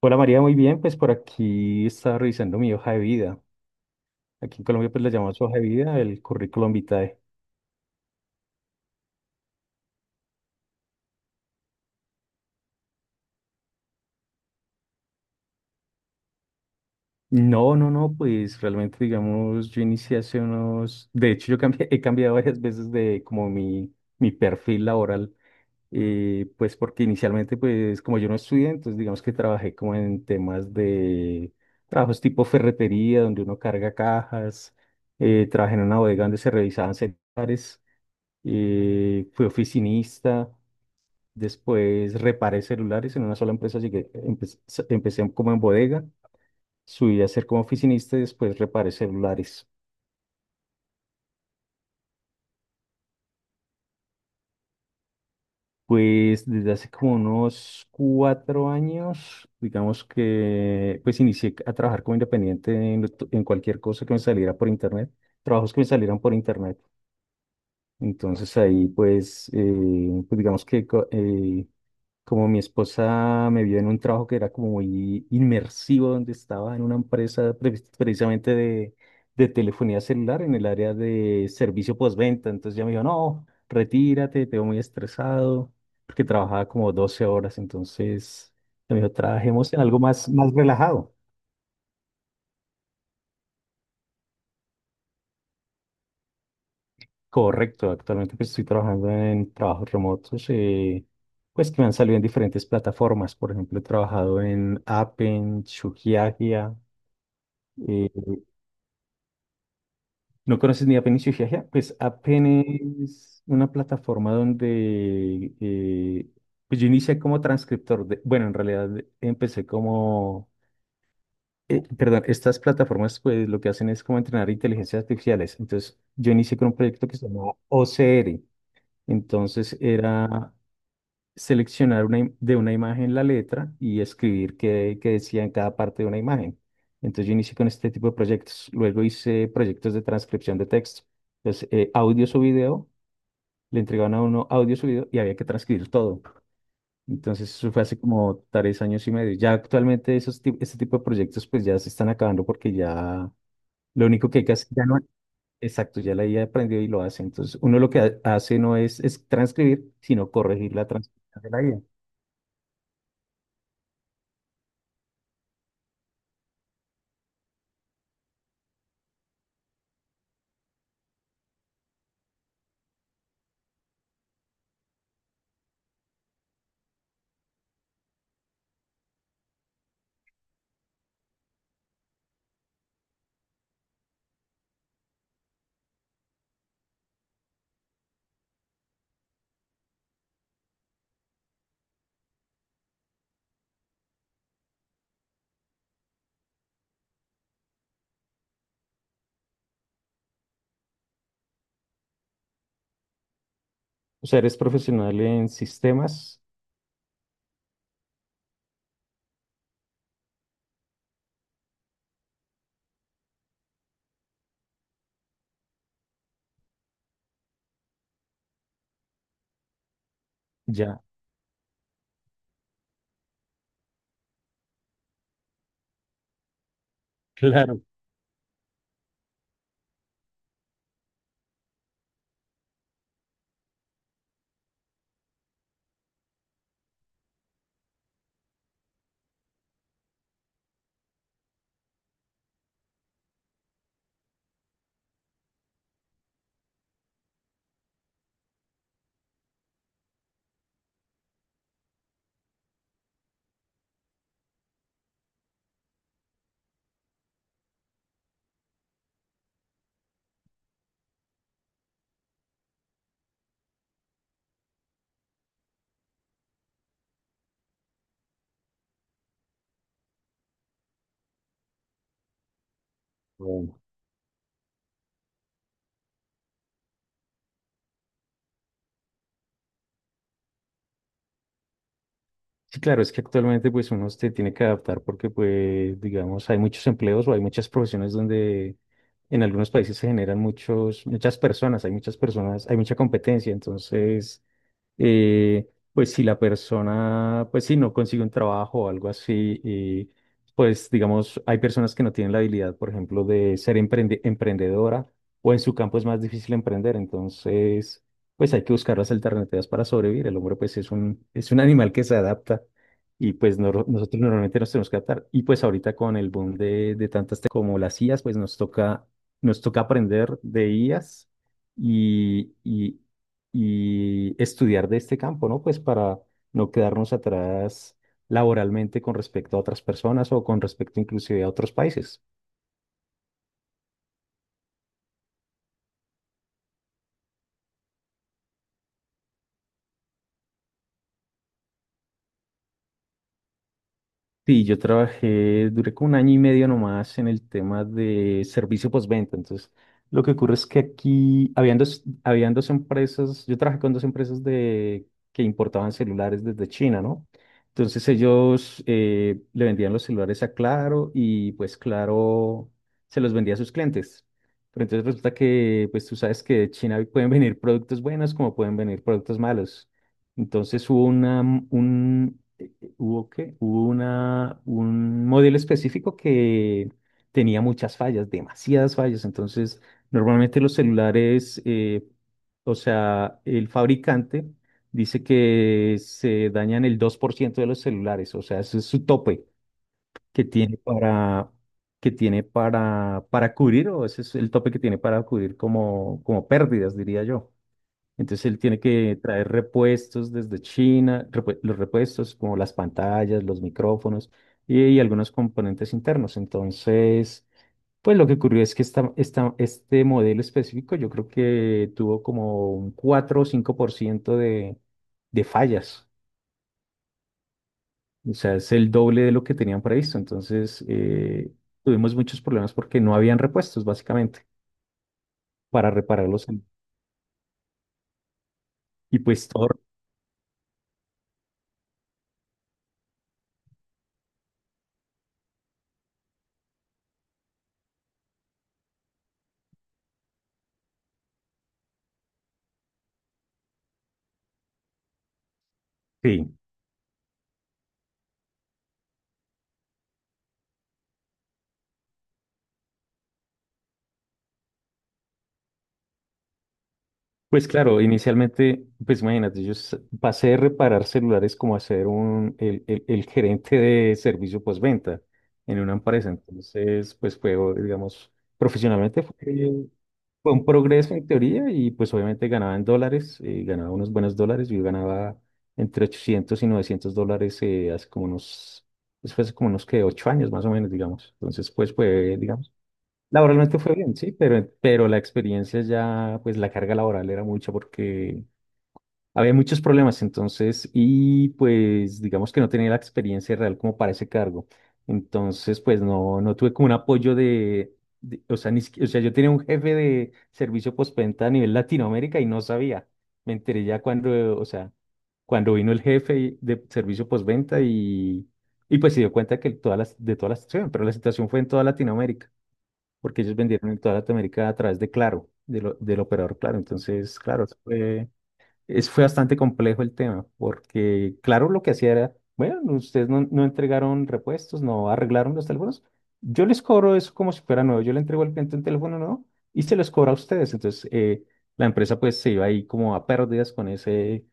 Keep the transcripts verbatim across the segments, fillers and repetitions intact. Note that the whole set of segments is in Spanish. Hola María, muy bien, pues por aquí estaba revisando mi hoja de vida. Aquí en Colombia pues la llamamos hoja de vida, el currículum vitae. No, no, no, pues realmente digamos, yo inicié hace unos, de hecho yo cambié- he cambiado varias veces de como mi, mi perfil laboral, eh, pues porque inicialmente pues como yo no estudié, entonces digamos que trabajé como en temas de trabajos tipo ferretería, donde uno carga cajas, eh, trabajé en una bodega donde se revisaban celulares, eh, fui oficinista. Después reparé celulares en una sola empresa, llegué, empecé, empecé como en bodega, subí a ser como oficinista y después reparé celulares. Pues desde hace como unos cuatro años, digamos que, pues inicié a trabajar como independiente en, lo to- en cualquier cosa que me saliera por internet, trabajos que me salieran por internet. Entonces ahí pues, eh, pues digamos que co- eh, como mi esposa me vio en un trabajo que era como muy inmersivo, donde estaba en una empresa pre- precisamente de, de telefonía celular en el área de servicio postventa. Entonces ya me dijo, no, retírate, te veo muy estresado, porque trabajaba como doce horas. Entonces me dijo, trabajemos en algo más, más relajado. Correcto, actualmente pues estoy trabajando en trabajos remotos, eh, pues que me han salido en diferentes plataformas. Por ejemplo, he trabajado en Appen, Shugiagia. ¿No conoces ni Apenas y Giagia? Pues Apenas es una plataforma donde eh, pues yo inicié como transcriptor de, bueno, en realidad empecé como, eh, perdón, estas plataformas pues lo que hacen es como entrenar inteligencias artificiales. Entonces yo inicié con un proyecto que se llamaba O C R. Entonces era seleccionar una, im- de una imagen la letra y escribir qué, qué decía en cada parte de una imagen. Entonces yo inicié con este tipo de proyectos. Luego hice proyectos de transcripción de texto. Entonces, eh, audios o video, le entregaban a uno audios o video y había que transcribir todo. Entonces eso fue hace como tres años y medio. Ya actualmente esos, ti- este tipo de proyectos pues ya se están acabando porque ya lo único que hay que hacer, ya no, exacto, ya la I A aprendió y lo hace. Entonces uno lo que ha- hace no es, es transcribir, sino corregir la transcripción de la I A. O sea, eres profesional en sistemas, ya. Claro. Bueno. Sí, claro, es que actualmente pues uno se tiene que adaptar porque pues digamos hay muchos empleos o hay muchas profesiones donde en algunos países se generan muchos, muchas personas, hay muchas personas, hay mucha competencia, entonces eh, pues si la persona, pues si no consigue un trabajo o algo así, y pues digamos, hay personas que no tienen la habilidad, por ejemplo, de ser emprende- emprendedora o en su campo es más difícil emprender, entonces, pues hay que buscar las alternativas para sobrevivir. El hombre, pues es un, es un animal que se adapta y pues nor- nosotros normalmente nos tenemos que adaptar. Y pues ahorita con el boom de, de tantas te- como las I As, pues nos toca, nos toca aprender de I As. Y, y, y estudiar de este campo, ¿no? Pues para no quedarnos atrás laboralmente con respecto a otras personas o con respecto inclusive a otros países. Sí, yo trabajé, duré como un año y medio nomás en el tema de servicio postventa. Entonces, lo que ocurre es que aquí habían dos, habían dos empresas, yo trabajé con dos empresas de, que importaban celulares desde China, ¿no? Entonces ellos eh, le vendían los celulares a Claro y pues Claro se los vendía a sus clientes. Pero entonces resulta que, pues tú sabes que de China pueden venir productos buenos como pueden venir productos malos. Entonces hubo una, un, Hubo que, hubo una, un modelo específico que tenía muchas fallas, demasiadas fallas. Entonces, normalmente los celulares, eh, o sea, el fabricante dice que se dañan el dos por ciento de los celulares. O sea, ese es su tope que tiene para, que tiene para, para cubrir, o ese es el tope que tiene para cubrir como, como pérdidas, diría yo. Entonces él tiene que traer repuestos desde China, repue- los repuestos como las pantallas, los micrófonos y, y algunos componentes internos. Entonces, pues lo que ocurrió es que esta, esta- este modelo específico yo creo que tuvo como un cuatro o cinco por ciento de, de fallas. O sea, es el doble de lo que tenían previsto. Entonces, eh, tuvimos muchos problemas porque no habían repuestos, básicamente, para repararlos. Y pues todo, sí. Pues claro, inicialmente, pues imagínate, yo s- pasé de reparar celulares como a ser un, el, el- el gerente de servicio postventa en una empresa. Entonces, pues fue, o- digamos, profesionalmente fue, fue un progreso en teoría y pues obviamente ganaba en dólares, eh, ganaba unos buenos dólares. Yo ganaba entre ochocientos y novecientos dólares eh, hace como unos, después hace como unos que ocho años más o menos, digamos. Entonces, pues fue, digamos, laboralmente fue bien, sí, pero, pero la experiencia ya, pues la carga laboral era mucha porque había muchos problemas entonces y pues digamos que no tenía la experiencia real como para ese cargo. Entonces, pues no, no tuve como un apoyo de, de- o sea, ni, siqui- o sea, yo tenía un jefe de servicio postventa a nivel Latinoamérica y no sabía. Me enteré ya cuando, o sea, cuando vino el jefe de servicio postventa y, y pues se dio cuenta que todas las, de toda la situación, pero la situación fue en toda Latinoamérica porque ellos vendieron en toda Latinoamérica a través de Claro, de lo- del operador Claro. Entonces, claro, eso fue, es, fue bastante complejo el tema, porque Claro lo que hacía era, bueno, ustedes no, no entregaron repuestos, no arreglaron los teléfonos, yo les cobro eso como si fuera nuevo, yo le entrego al cliente un teléfono nuevo y se los cobro a ustedes. Entonces, eh, la empresa pues se iba ahí como a pérdidas con ese,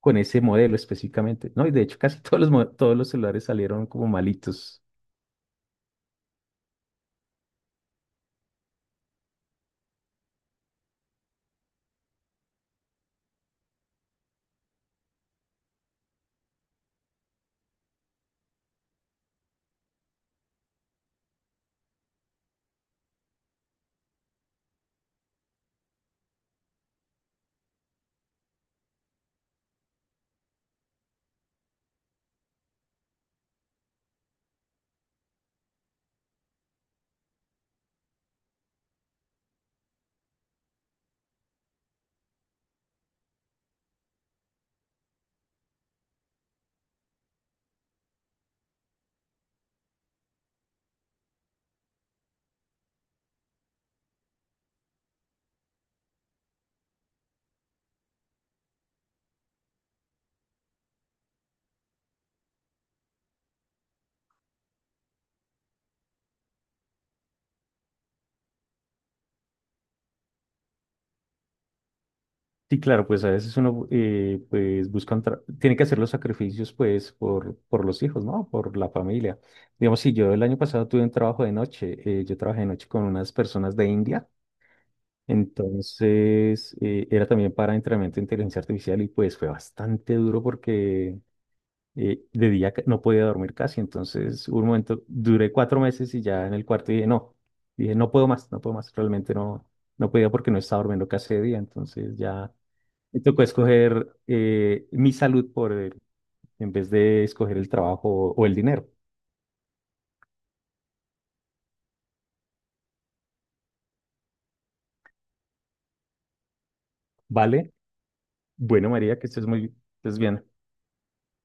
con ese modelo específicamente, ¿no? Y de hecho casi todos los, mo- todos los celulares salieron como malitos. Sí, claro, pues a veces uno eh, pues busca, un tra- tiene que hacer los sacrificios pues por, por los hijos, ¿no? Por la familia. Digamos, si yo el año pasado tuve un trabajo de noche, eh, yo trabajé de noche con unas personas de India, entonces eh, era también para entrenamiento de inteligencia artificial y pues fue bastante duro porque eh, de día ca- no podía dormir casi, entonces hubo un momento, duré cuatro meses y ya en el cuarto dije, no, dije, no puedo más, no puedo más, realmente no, no podía porque no estaba durmiendo casi de día, entonces ya... Me tocó escoger eh, mi salud por el- en vez de escoger el trabajo o el dinero. ¿Vale? Bueno, María, que estés muy, estés bien.